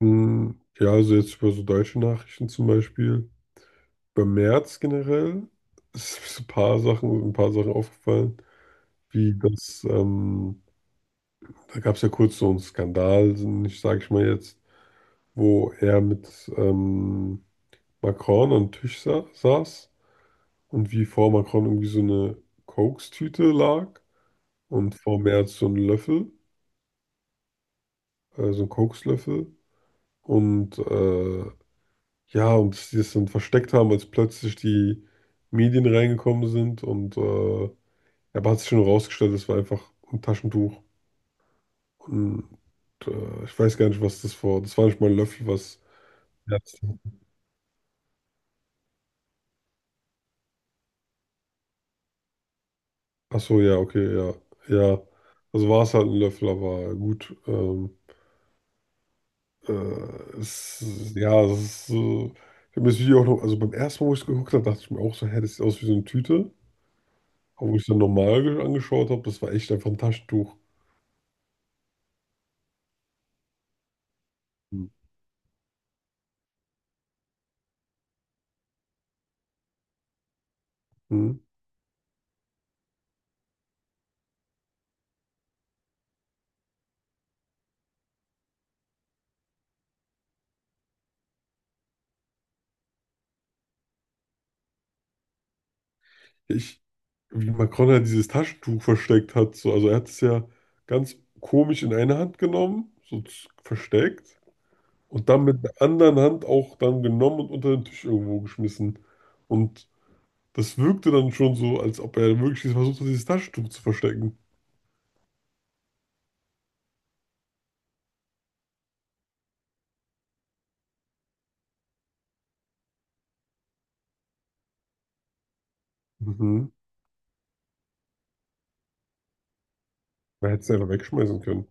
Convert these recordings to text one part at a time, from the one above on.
Hm. Ja, also jetzt über so deutsche Nachrichten zum Beispiel. Bei März generell ist mir so ein paar Sachen aufgefallen, wie das, da gab es ja kurz so einen Skandal, ich sage ich mal jetzt, wo er mit Macron am Tisch sa saß und wie vor Macron irgendwie so eine Kokstüte lag und vor Merz so ein Löffel, so ein Kokslöffel und äh, ja, und dass die es dann versteckt haben, als plötzlich die Medien reingekommen sind. Ja, aber hat sich schon rausgestellt, es war einfach ein Taschentuch. Und ich weiß gar nicht, was das war. Das war nicht mal ein Löffel, was. Ärzte. Ach so, ja, okay, ja. Ja. Also war es halt ein Löffel, aber gut. Äh, es, ja, es ist so. Ich habe das Video auch noch, also beim ersten Mal, wo ich es geguckt habe, dachte ich mir auch so, hä, das sieht aus wie so eine Tüte. Aber wo ich es dann normal angeschaut habe, das war echt einfach ein Taschentuch. Mhm. ich, wie Macron ja dieses Taschentuch versteckt hat. So. Also er hat es ja ganz komisch in eine Hand genommen, so versteckt und dann mit der anderen Hand auch dann genommen und unter den Tisch irgendwo geschmissen. Und das wirkte dann schon so, als ob er wirklich versucht hat, dieses Taschentuch zu verstecken. Mhm. Er hätte es ja einfach wegschmeißen können.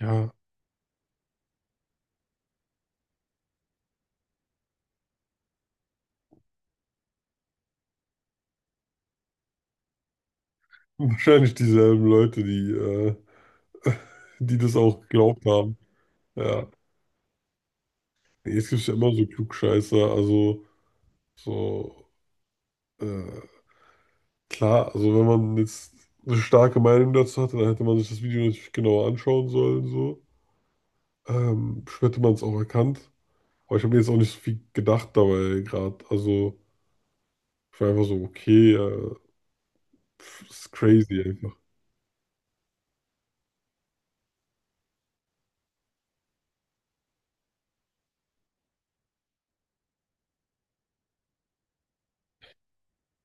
Ja, wahrscheinlich dieselben Leute, die die das auch geglaubt haben. Ja. Jetzt gibt es ja immer so Klugscheißer, also so äh, klar, also wenn man jetzt eine starke Meinung dazu hatte, dann hätte man sich das Video natürlich genauer anschauen sollen, so. Bestimmt hätte man es auch erkannt. Aber ich habe mir jetzt auch nicht so viel gedacht dabei gerade. Also ich war einfach so, okay, pff, ist crazy einfach.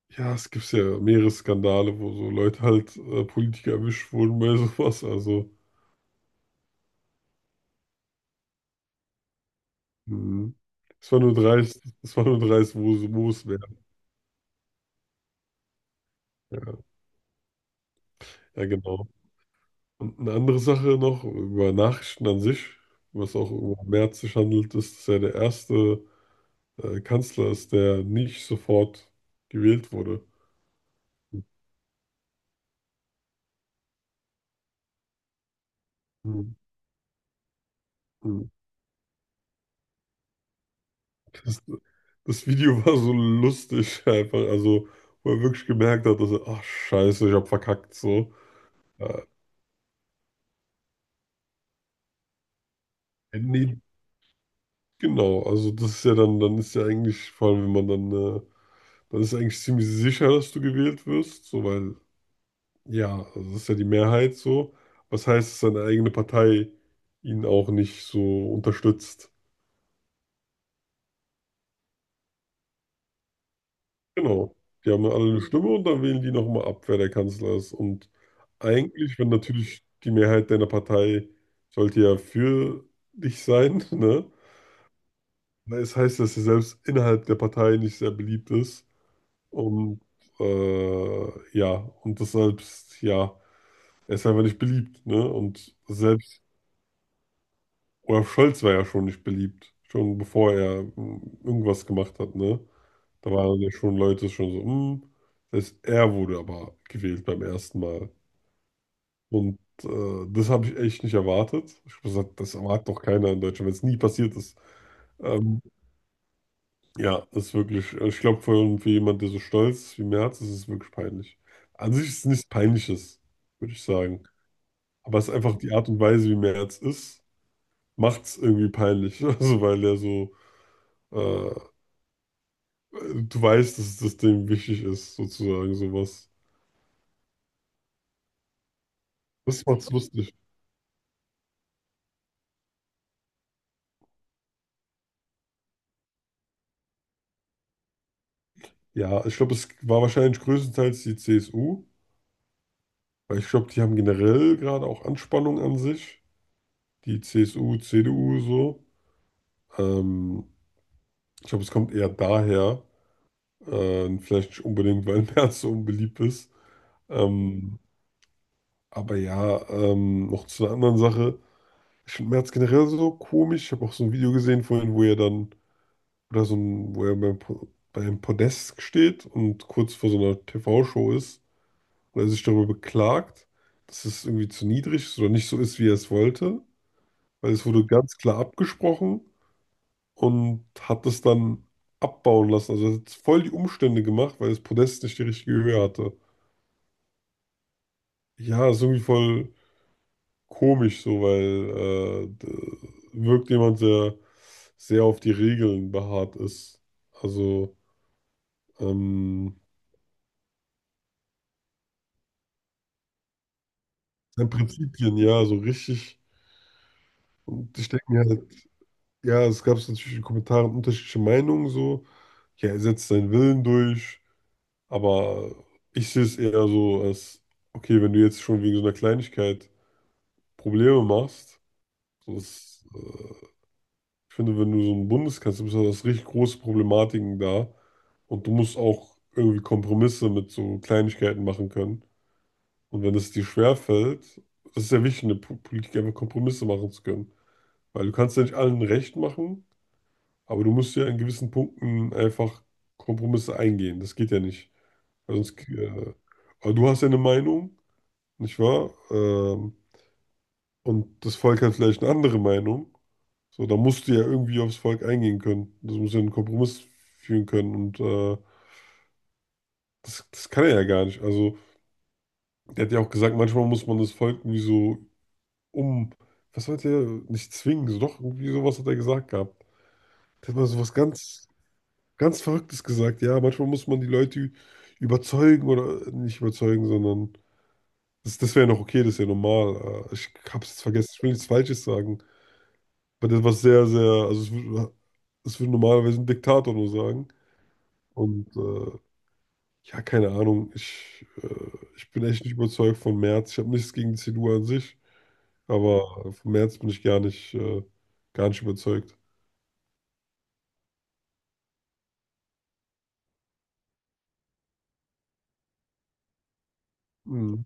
Ja, es gibt ja mehrere Skandale, wo so Leute halt Politiker erwischt wurden bei sowas. Also, mh. Es war nur dreist, es war nur dreist, wo, wo es wäre. Ja, ja, genau. Und eine andere Sache noch über Nachrichten an sich, was auch über Merz sich handelt, ist, dass er der erste Kanzler ist, der nicht sofort gewählt wurde. Mhm. Mhm. Das, das Video war so lustig, einfach, also wo er wirklich gemerkt hat, dass er, ach Scheiße, ich hab verkackt, so. Äh, nee, genau, also das ist ja dann, dann ist ja eigentlich, vor allem wenn man dann, dann ist eigentlich ziemlich sicher, dass du gewählt wirst, so weil ja, also das ist ja die Mehrheit so. Was heißt, dass seine eigene Partei ihn auch nicht so unterstützt? Genau. Die haben alle eine Hm. Stimme und dann wählen die nochmal ab, wer der Kanzler ist. Und eigentlich, wenn natürlich die Mehrheit deiner Partei sollte ja für dich sein, ne? Weil es heißt, dass er selbst innerhalb der Partei nicht sehr beliebt ist. Und ja, und deshalb, ja, er ist einfach nicht beliebt, ne? Und selbst Olaf Scholz war ja schon nicht beliebt, schon bevor er mm, irgendwas gemacht hat, ne? Da waren ja schon Leute schon so, hm. Das heißt, er wurde aber gewählt beim ersten Mal. Und das habe ich echt nicht erwartet. Ich muss gesagt, das erwartet doch keiner in Deutschland, wenn es nie passiert ist. Ähm, ja, das ist wirklich, also ich glaube, für jemanden, der so stolz ist wie Merz, ist es wirklich peinlich. An sich ist es nichts Peinliches, würde ich sagen. Aber es ist einfach die Art und Weise, wie Merz ist, macht es irgendwie peinlich. Also, weil er so äh, du weißt, dass das dem wichtig ist, sozusagen, sowas. Das macht's lustig. Ja, ich glaube, es war wahrscheinlich größtenteils die CSU, weil ich glaube, die haben generell gerade auch Anspannung an sich. Die CSU, CDU, so. Ähm, ich glaube, es kommt eher daher. Vielleicht nicht unbedingt, weil Merz so unbeliebt ist. Ähm, aber ja, noch zu einer anderen Sache. Ich finde Merz generell so komisch. Ich habe auch so ein Video gesehen vorhin, wo er dann oder so ein, wo er bei, Po- bei einem Podest steht und kurz vor so einer TV-Show ist und er sich darüber beklagt, dass es irgendwie zu niedrig ist oder nicht so ist, wie er es wollte. Weil es wurde ganz klar abgesprochen und hat es dann abbauen lassen. Also er hat voll die Umstände gemacht, weil das Podest nicht die richtige Höhe hatte. Ja, ist irgendwie voll komisch so, weil wirkt jemand, der sehr auf die Regeln beharrt ist. Also, ähm, An Prinzipien, ja, so richtig. Und ich denke mir halt, ja, es gab so natürlich in Kommentaren unterschiedliche Meinungen, so. Ja, er setzt seinen Willen durch, aber ich sehe es eher so als, okay, wenn du jetzt schon wegen so einer Kleinigkeit Probleme machst, so ich finde, wenn du so ein Bundeskanzler bist, hast du richtig große Problematiken da und du musst auch irgendwie Kompromisse mit so Kleinigkeiten machen können. Und wenn es dir schwerfällt, das ist ja wichtig, in der Politik einfach Kompromisse machen zu können. Weil du kannst ja nicht allen recht machen, aber du musst ja in gewissen Punkten einfach Kompromisse eingehen. Das geht ja nicht. Weil sonst, äh, aber du hast ja eine Meinung, nicht wahr? Und das Volk hat vielleicht eine andere Meinung. So, da musst du ja irgendwie aufs Volk eingehen können. Das muss ja einen Kompromiss führen können. Und das, das kann er ja gar nicht. Also, der hat ja auch gesagt, manchmal muss man das Volk irgendwie so um, was hat er, nicht zwingen, so doch, irgendwie sowas hat er gesagt gehabt. Der hat mal so was ganz Ganz Verrücktes gesagt, ja. Manchmal muss man die Leute überzeugen oder nicht überzeugen, sondern das, das wäre noch okay, das ist ja normal. Ich hab's jetzt vergessen, ich will nichts Falsches sagen. Aber das war sehr, sehr, also es würde normalerweise ein Diktator nur sagen. Und ja, keine Ahnung, ich bin echt nicht überzeugt von Merz. Ich habe nichts gegen die CDU an sich, aber von Merz bin ich gar nicht überzeugt. Mhm.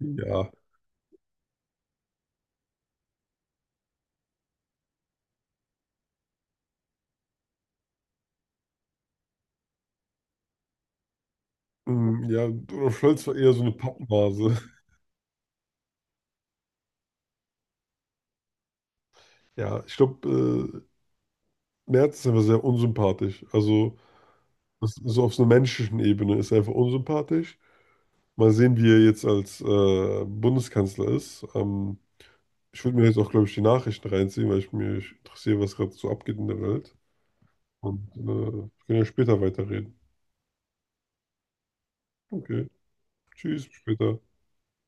Ja. Mhm. Ja, Olaf Scholz war eher so eine Pappnase. Ja, ich glaube, Merz ist einfach sehr unsympathisch. Also, das, so auf so einer menschlichen Ebene ist er einfach unsympathisch. Mal sehen, wie er jetzt als Bundeskanzler ist. Ich würde mir jetzt auch, glaube ich, die Nachrichten reinziehen, weil ich mich interessiere, was gerade so abgeht in der Welt. Und wir können ja später weiterreden. Okay, tschüss, bis später.